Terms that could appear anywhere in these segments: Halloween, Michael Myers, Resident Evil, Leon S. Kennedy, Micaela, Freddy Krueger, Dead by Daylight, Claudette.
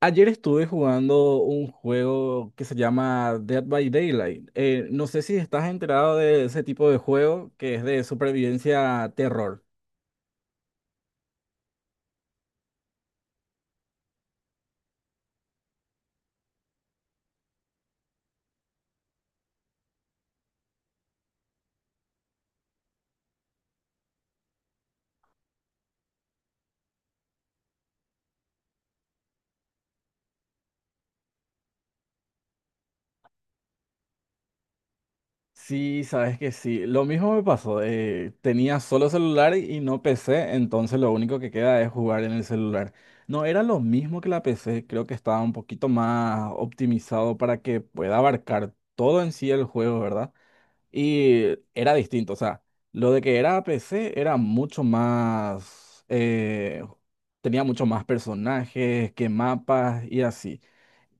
Ayer estuve jugando un juego que se llama Dead by Daylight. No sé si estás enterado de ese tipo de juego que es de supervivencia terror. Sí, sabes que sí. Lo mismo me pasó. Tenía solo celular y no PC, entonces lo único que queda es jugar en el celular. No era lo mismo que la PC, creo que estaba un poquito más optimizado para que pueda abarcar todo en sí el juego, ¿verdad? Y era distinto, o sea, lo de que era PC era mucho más, tenía mucho más personajes que mapas y así.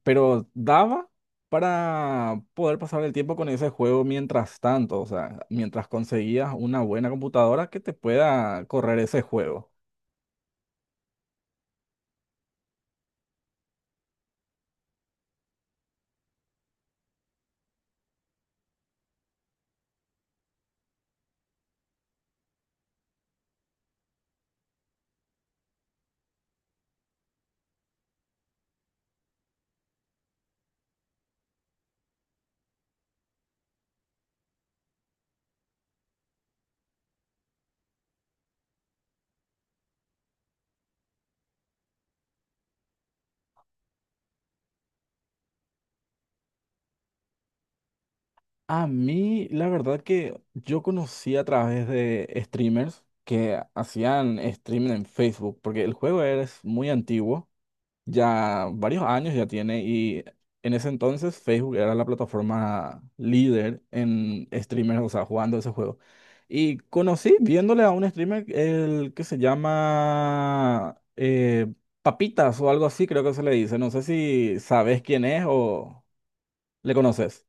Pero daba para poder pasar el tiempo con ese juego mientras tanto, o sea, mientras conseguías una buena computadora que te pueda correr ese juego. A mí, la verdad que yo conocí a través de streamers que hacían streaming en Facebook, porque el juego es muy antiguo ya varios años ya tiene y en ese entonces Facebook era la plataforma líder en streamers, o sea, jugando ese juego. Y conocí viéndole a un streamer el que se llama Papitas o algo así, creo que se le dice. No sé si sabes quién es o le conoces.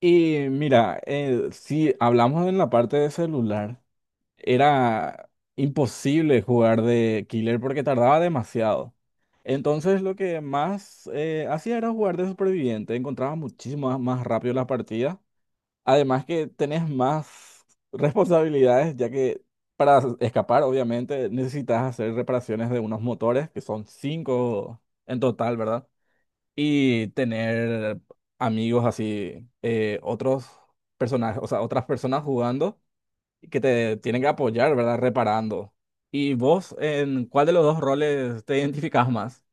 Y mira, si hablamos en la parte de celular, era imposible jugar de Killer porque tardaba demasiado. Entonces lo que más hacía era jugar de superviviente, encontraba muchísimo más rápido las partidas. Además que tenés más responsabilidades, ya que para escapar obviamente necesitas hacer reparaciones de unos motores, que son cinco en total, ¿verdad? Y tener amigos así, otros personajes, o sea, otras personas jugando y que te tienen que apoyar, ¿verdad? Reparando. ¿Y vos en cuál de los dos roles te identificás más?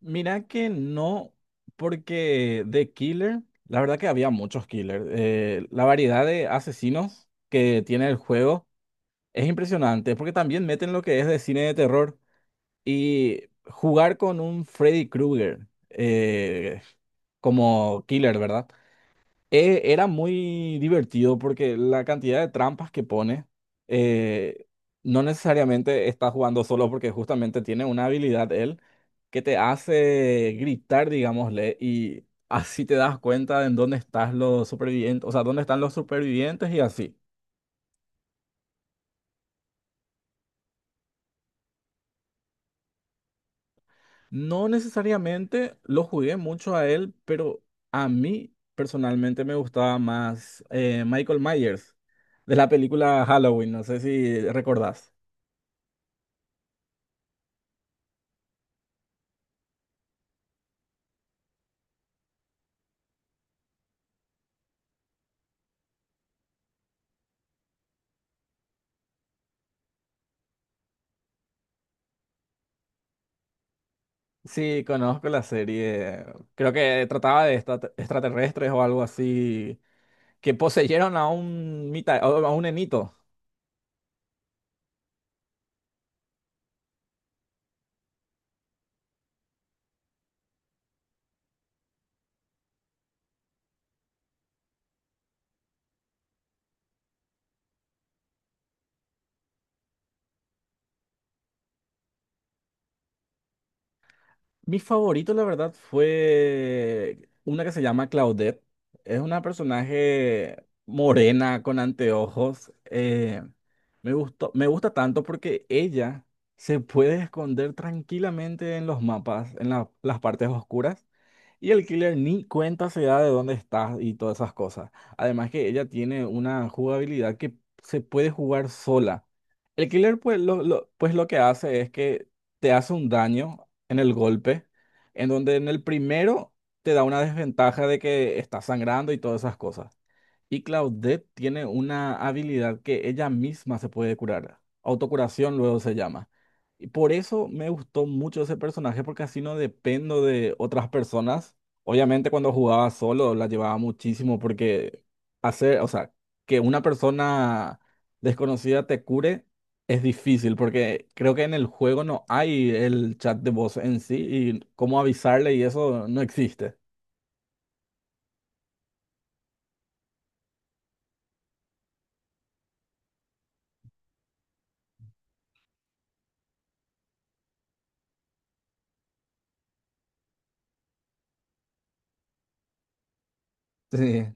Mira que no, porque de Killer, la verdad que había muchos Killer. La variedad de asesinos que tiene el juego es impresionante, porque también meten lo que es de cine de terror y jugar con un Freddy Krueger como Killer, ¿verdad? Era muy divertido porque la cantidad de trampas que pone eh, no necesariamente está jugando solo porque justamente tiene una habilidad él que te hace gritar, digámosle, y así te das cuenta de en dónde están los supervivientes, o sea, dónde están los supervivientes y así. No necesariamente lo jugué mucho a él, pero a mí personalmente me gustaba más Michael Myers de la película Halloween, no sé si recordás. Sí, conozco la serie. Creo que trataba de extraterrestres o algo así que poseyeron a un a un enito. Mi favorito, la verdad, fue una que se llama Claudette. Es una personaje morena con anteojos. Me gustó, me gusta tanto porque ella se puede esconder tranquilamente en los mapas, en las partes oscuras. Y el killer ni cuenta se da de dónde estás y todas esas cosas. Además que ella tiene una jugabilidad que se puede jugar sola. El killer pues pues lo que hace es que te hace un daño en el golpe, en donde en el primero te da una desventaja de que estás sangrando y todas esas cosas. Y Claudette tiene una habilidad que ella misma se puede curar. Autocuración luego se llama. Y por eso me gustó mucho ese personaje, porque así no dependo de otras personas. Obviamente cuando jugaba solo la llevaba muchísimo, porque hacer, o sea, que una persona desconocida te cure es difícil, porque creo que en el juego no hay el chat de voz en sí, y cómo avisarle y eso no existe. Sí.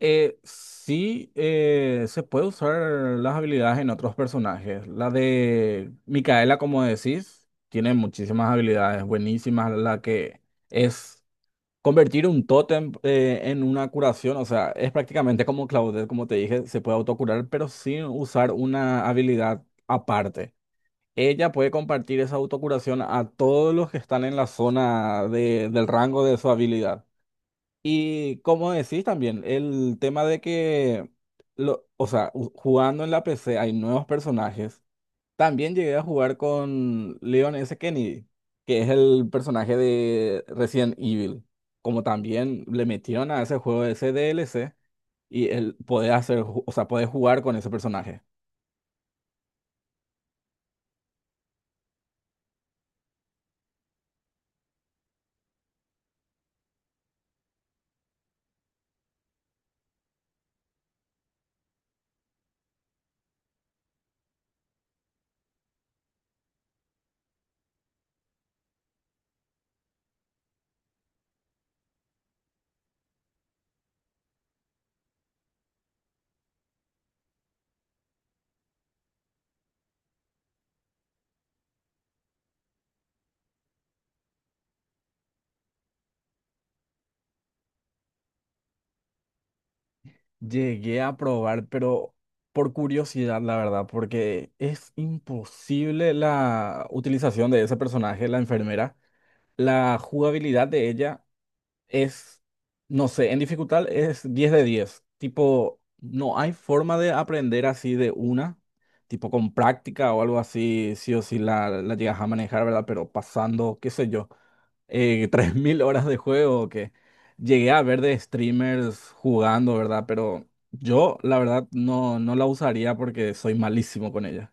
Sí, se puede usar las habilidades en otros personajes. La de Micaela, como decís, tiene muchísimas habilidades buenísimas. La que es convertir un tótem en una curación. O sea, es prácticamente como Claudette, como te dije, se puede autocurar, pero sin usar una habilidad aparte. Ella puede compartir esa autocuración a todos los que están en la zona del rango de su habilidad. Y como decís también, el tema de que, o sea, jugando en la PC hay nuevos personajes. También llegué a jugar con Leon S. Kennedy, que es el personaje de Resident Evil. Como también le metieron a ese juego ese DLC y él podés hacer, o sea, podés jugar con ese personaje. Llegué a probar, pero por curiosidad, la verdad, porque es imposible la utilización de ese personaje, la enfermera. La jugabilidad de ella es, no sé, en dificultad es 10 de 10 tipo, no hay forma de aprender así de una, tipo con práctica o algo así, sí o sí la llegas a manejar, ¿verdad? Pero pasando, qué sé yo, 3.000 horas de juego que llegué a ver de streamers jugando, ¿verdad? Pero yo, la verdad, no, no la usaría porque soy malísimo con ella.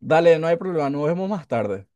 Dale, no hay problema, nos vemos más tarde.